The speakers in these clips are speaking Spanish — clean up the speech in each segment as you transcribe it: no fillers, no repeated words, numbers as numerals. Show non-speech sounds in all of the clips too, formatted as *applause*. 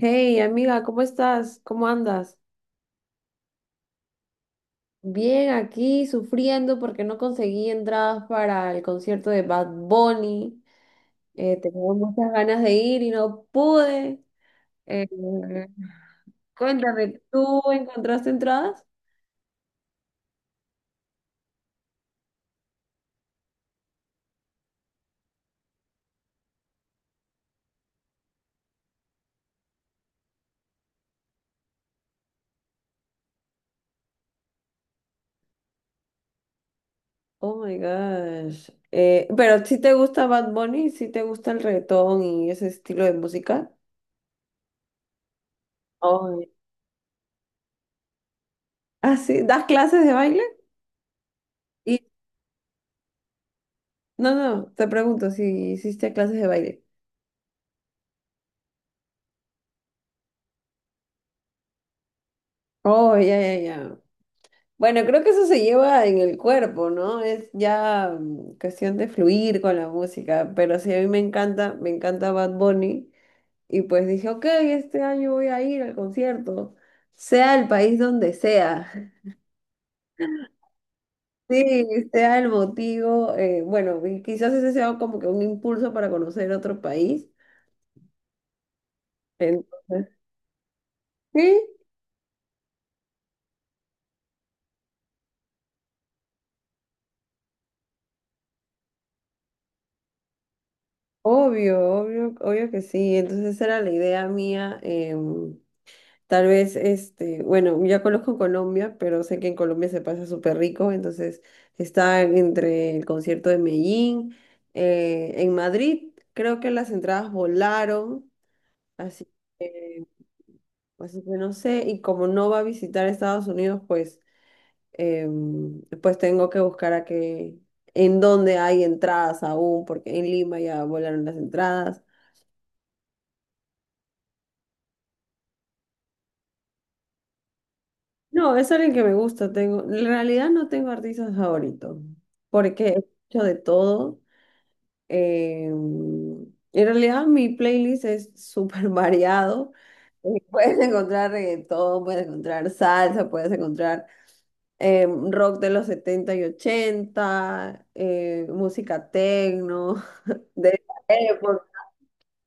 Hey, amiga, ¿cómo estás? ¿Cómo andas? Bien, aquí sufriendo porque no conseguí entradas para el concierto de Bad Bunny. Tenía muchas ganas de ir y no pude. Eh, Cuéntame, ¿tú encontraste entradas? Oh my gosh. ¿Pero si te gusta Bad Bunny? ¿Si te gusta el reggaetón y ese estilo de música? Ay. Ah, sí, ¿das clases de baile? Y no, no, te pregunto si hiciste clases de baile. Oh, ya, ya, ya. Bueno, creo que eso se lleva en el cuerpo, ¿no? Es ya cuestión de fluir con la música, pero sí, a mí me encanta Bad Bunny y pues dije, ok, este año voy a ir al concierto, sea el país donde sea, *laughs* sí, sea el motivo, bueno, y quizás ese sea como que un impulso para conocer otro país, entonces, sí, obvio, obvio, obvio que sí. Entonces esa era la idea mía. Tal vez, este, bueno, ya conozco Colombia, pero sé que en Colombia se pasa súper rico, entonces está entre el concierto de Medellín, en Madrid creo que las entradas volaron, así que, así que no sé, y como no va a visitar Estados Unidos, pues, pues tengo que buscar a que, en dónde hay entradas aún, porque en Lima ya volaron las entradas. No, es alguien que me gusta. Tengo, en realidad no tengo artistas favoritos, porque escucho de todo. En realidad mi playlist es súper *laughs* variado. Puedes encontrar reggaetón, puedes encontrar salsa, puedes encontrar rock de los 70 y 80, música techno *laughs* de esa época.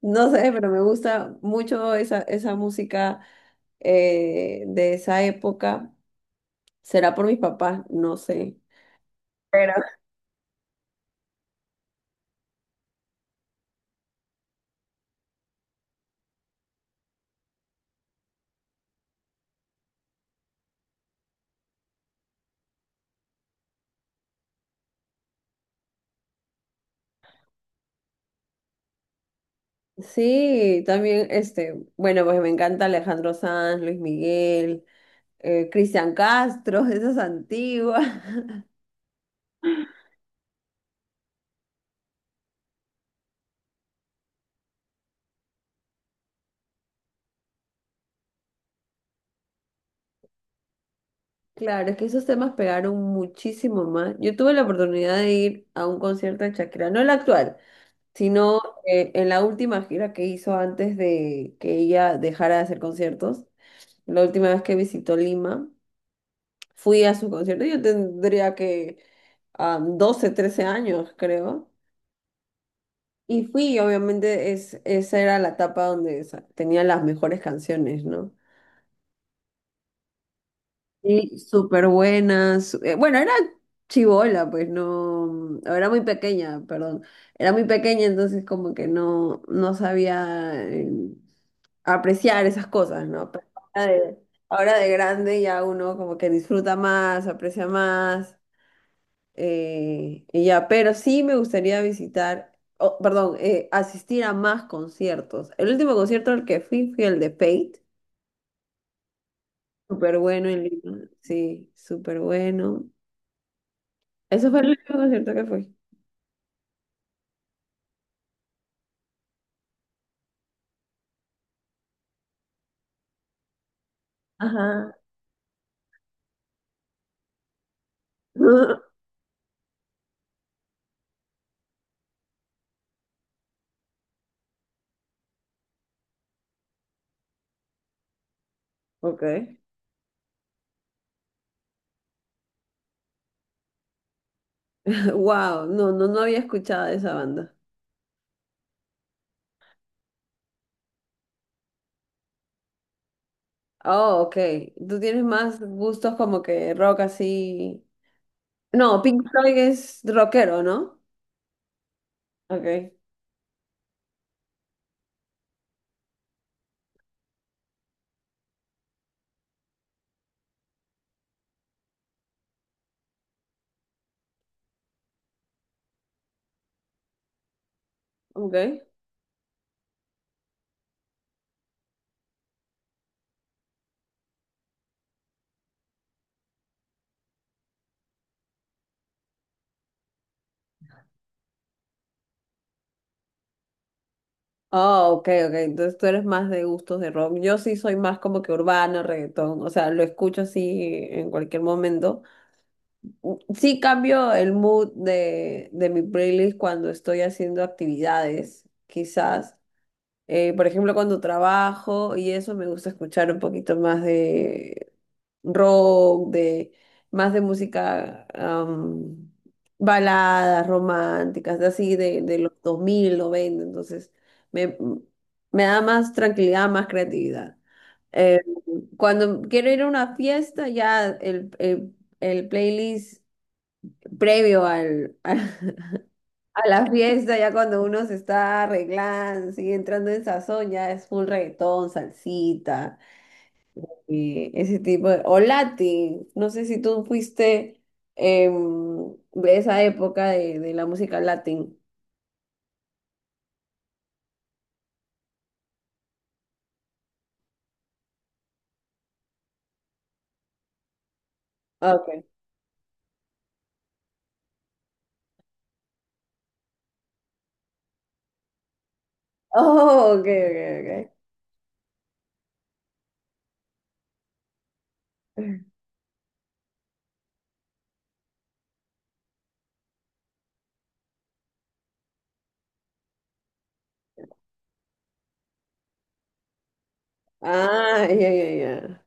No sé, pero me gusta mucho esa música de esa época. ¿Será por mis papás? No sé. Pero sí, también, este, bueno, pues me encanta Alejandro Sanz, Luis Miguel, Cristian Castro, *laughs* esas antiguas. Claro, es que esos temas pegaron muchísimo más. Yo tuve la oportunidad de ir a un concierto de Shakira, no el actual, sino en la última gira que hizo antes de que ella dejara de hacer conciertos. La última vez que visitó Lima, fui a su concierto. Yo tendría que 12, 13 años, creo. Y fui, obviamente, esa era la etapa donde tenía las mejores canciones, ¿no? Y súper buenas. Bueno, era chibola, pues no, era muy pequeña, perdón. Era muy pequeña, entonces como que no, no sabía apreciar esas cosas, ¿no? Pero ahora de grande ya uno como que disfruta más, aprecia más. Y ya, pero sí me gustaría visitar, oh, perdón, asistir a más conciertos. El último concierto al que fui fue el de Fate. Súper bueno en Lima. Sí, súper bueno. Eso fue el último concierto que fui. Ajá. *laughs* Ok. *laughs* Wow, no, no, no había escuchado de esa banda. Oh, ok. Tú tienes más gustos como que rock así. No, Pink Floyd es rockero, ¿no? Ok, ok. Ah, ok, ok. Entonces tú eres más de gustos de rock. Yo sí soy más como que urbano, reggaetón. O sea, lo escucho así en cualquier momento. Sí cambio el mood de mi playlist cuando estoy haciendo actividades, quizás. Por ejemplo, cuando trabajo y eso me gusta escuchar un poquito más rock, de más de música baladas románticas, de así de los 2000 noventa, entonces me, me da más tranquilidad, más creatividad. Eh, cuando quiero ir a una fiesta, ya el playlist previo *laughs* a la fiesta, ya cuando uno se está arreglando, sigue entrando en sazón, ya es full reggaetón, salsita, ese tipo de... O Latin, no sé si tú fuiste de esa época de la música Latin. Ah, ok. Oh, ok, ok, ok. Ah, ya, ya, ya.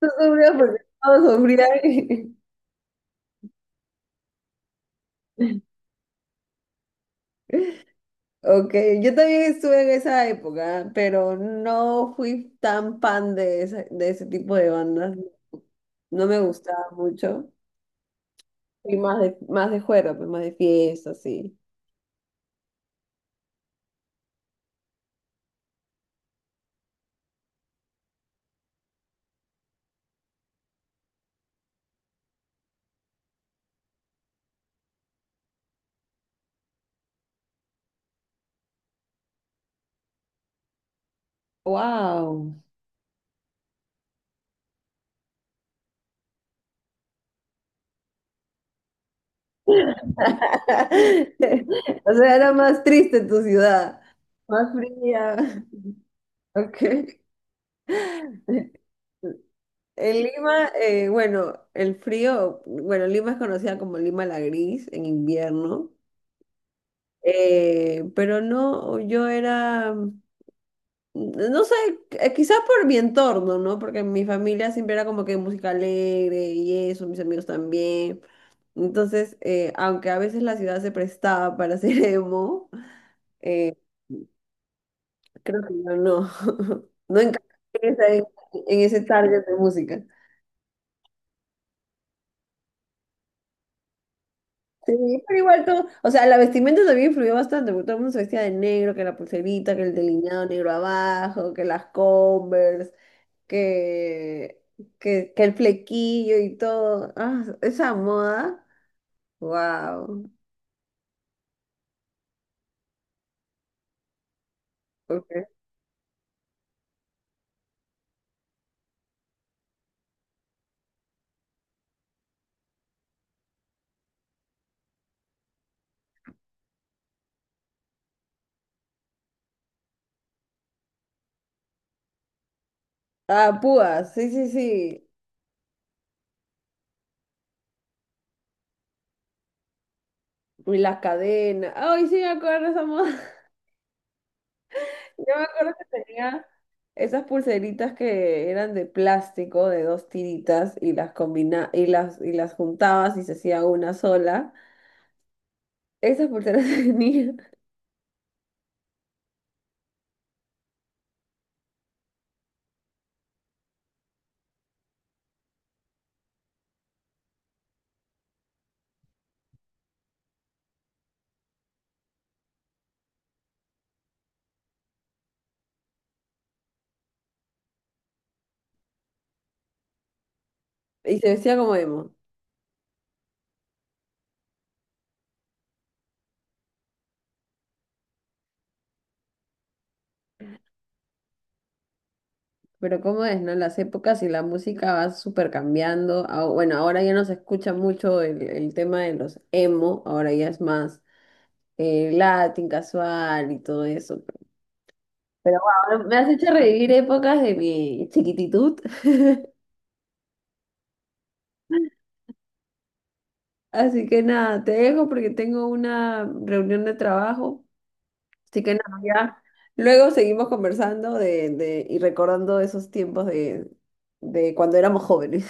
Tú sufrías porque todos sufrían. *laughs* Ok, yo también estuve en esa época, pero no fui tan fan ese de ese tipo de bandas. No me gustaba mucho. Fui más de juerga, pues, más de fiesta, sí. Wow. *laughs* O sea, era más triste tu ciudad, más fría. *laughs* Ok. En Lima, bueno, el frío, bueno, Lima es conocida como Lima la Gris en invierno, pero no, yo era, no sé, quizás por mi entorno, ¿no? Porque mi familia siempre era como que música alegre y eso, mis amigos también. Entonces, aunque a veces la ciudad se prestaba para *laughs* hacer emo, eh, creo que yo no. *laughs* No encajo en, esa- en ese target de música. Sí, pero igual todo, o sea, la vestimenta también influyó bastante, porque todo el mundo se vestía de negro, que la pulserita, que el delineado negro abajo, que las Converse, que, que el flequillo y todo. Ah, esa moda, wow. Ah, púas, sí, sí, sí. Y las cadenas. Ay, sí me acuerdo de esa moda. *laughs* Yo me acuerdo que tenía. Esas pulseritas que eran de plástico, de dos tiritas, y las combina y y las juntabas y se hacía una sola. Esas pulseras *laughs* venían y se decía como emo. Pero cómo es, ¿no? Las épocas y la música va súper cambiando. Ah, bueno, ahora ya no se escucha mucho el tema de los emo, ahora ya es más Latin, casual y todo eso. Pero wow, me has hecho revivir épocas de mi chiquititud. *laughs* Así que nada, te dejo porque tengo una reunión de trabajo. Así que nada, ya. Luego seguimos conversando y recordando esos tiempos de cuando éramos jóvenes.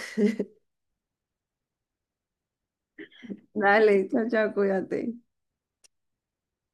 *laughs* Dale, chao, chao, cuídate.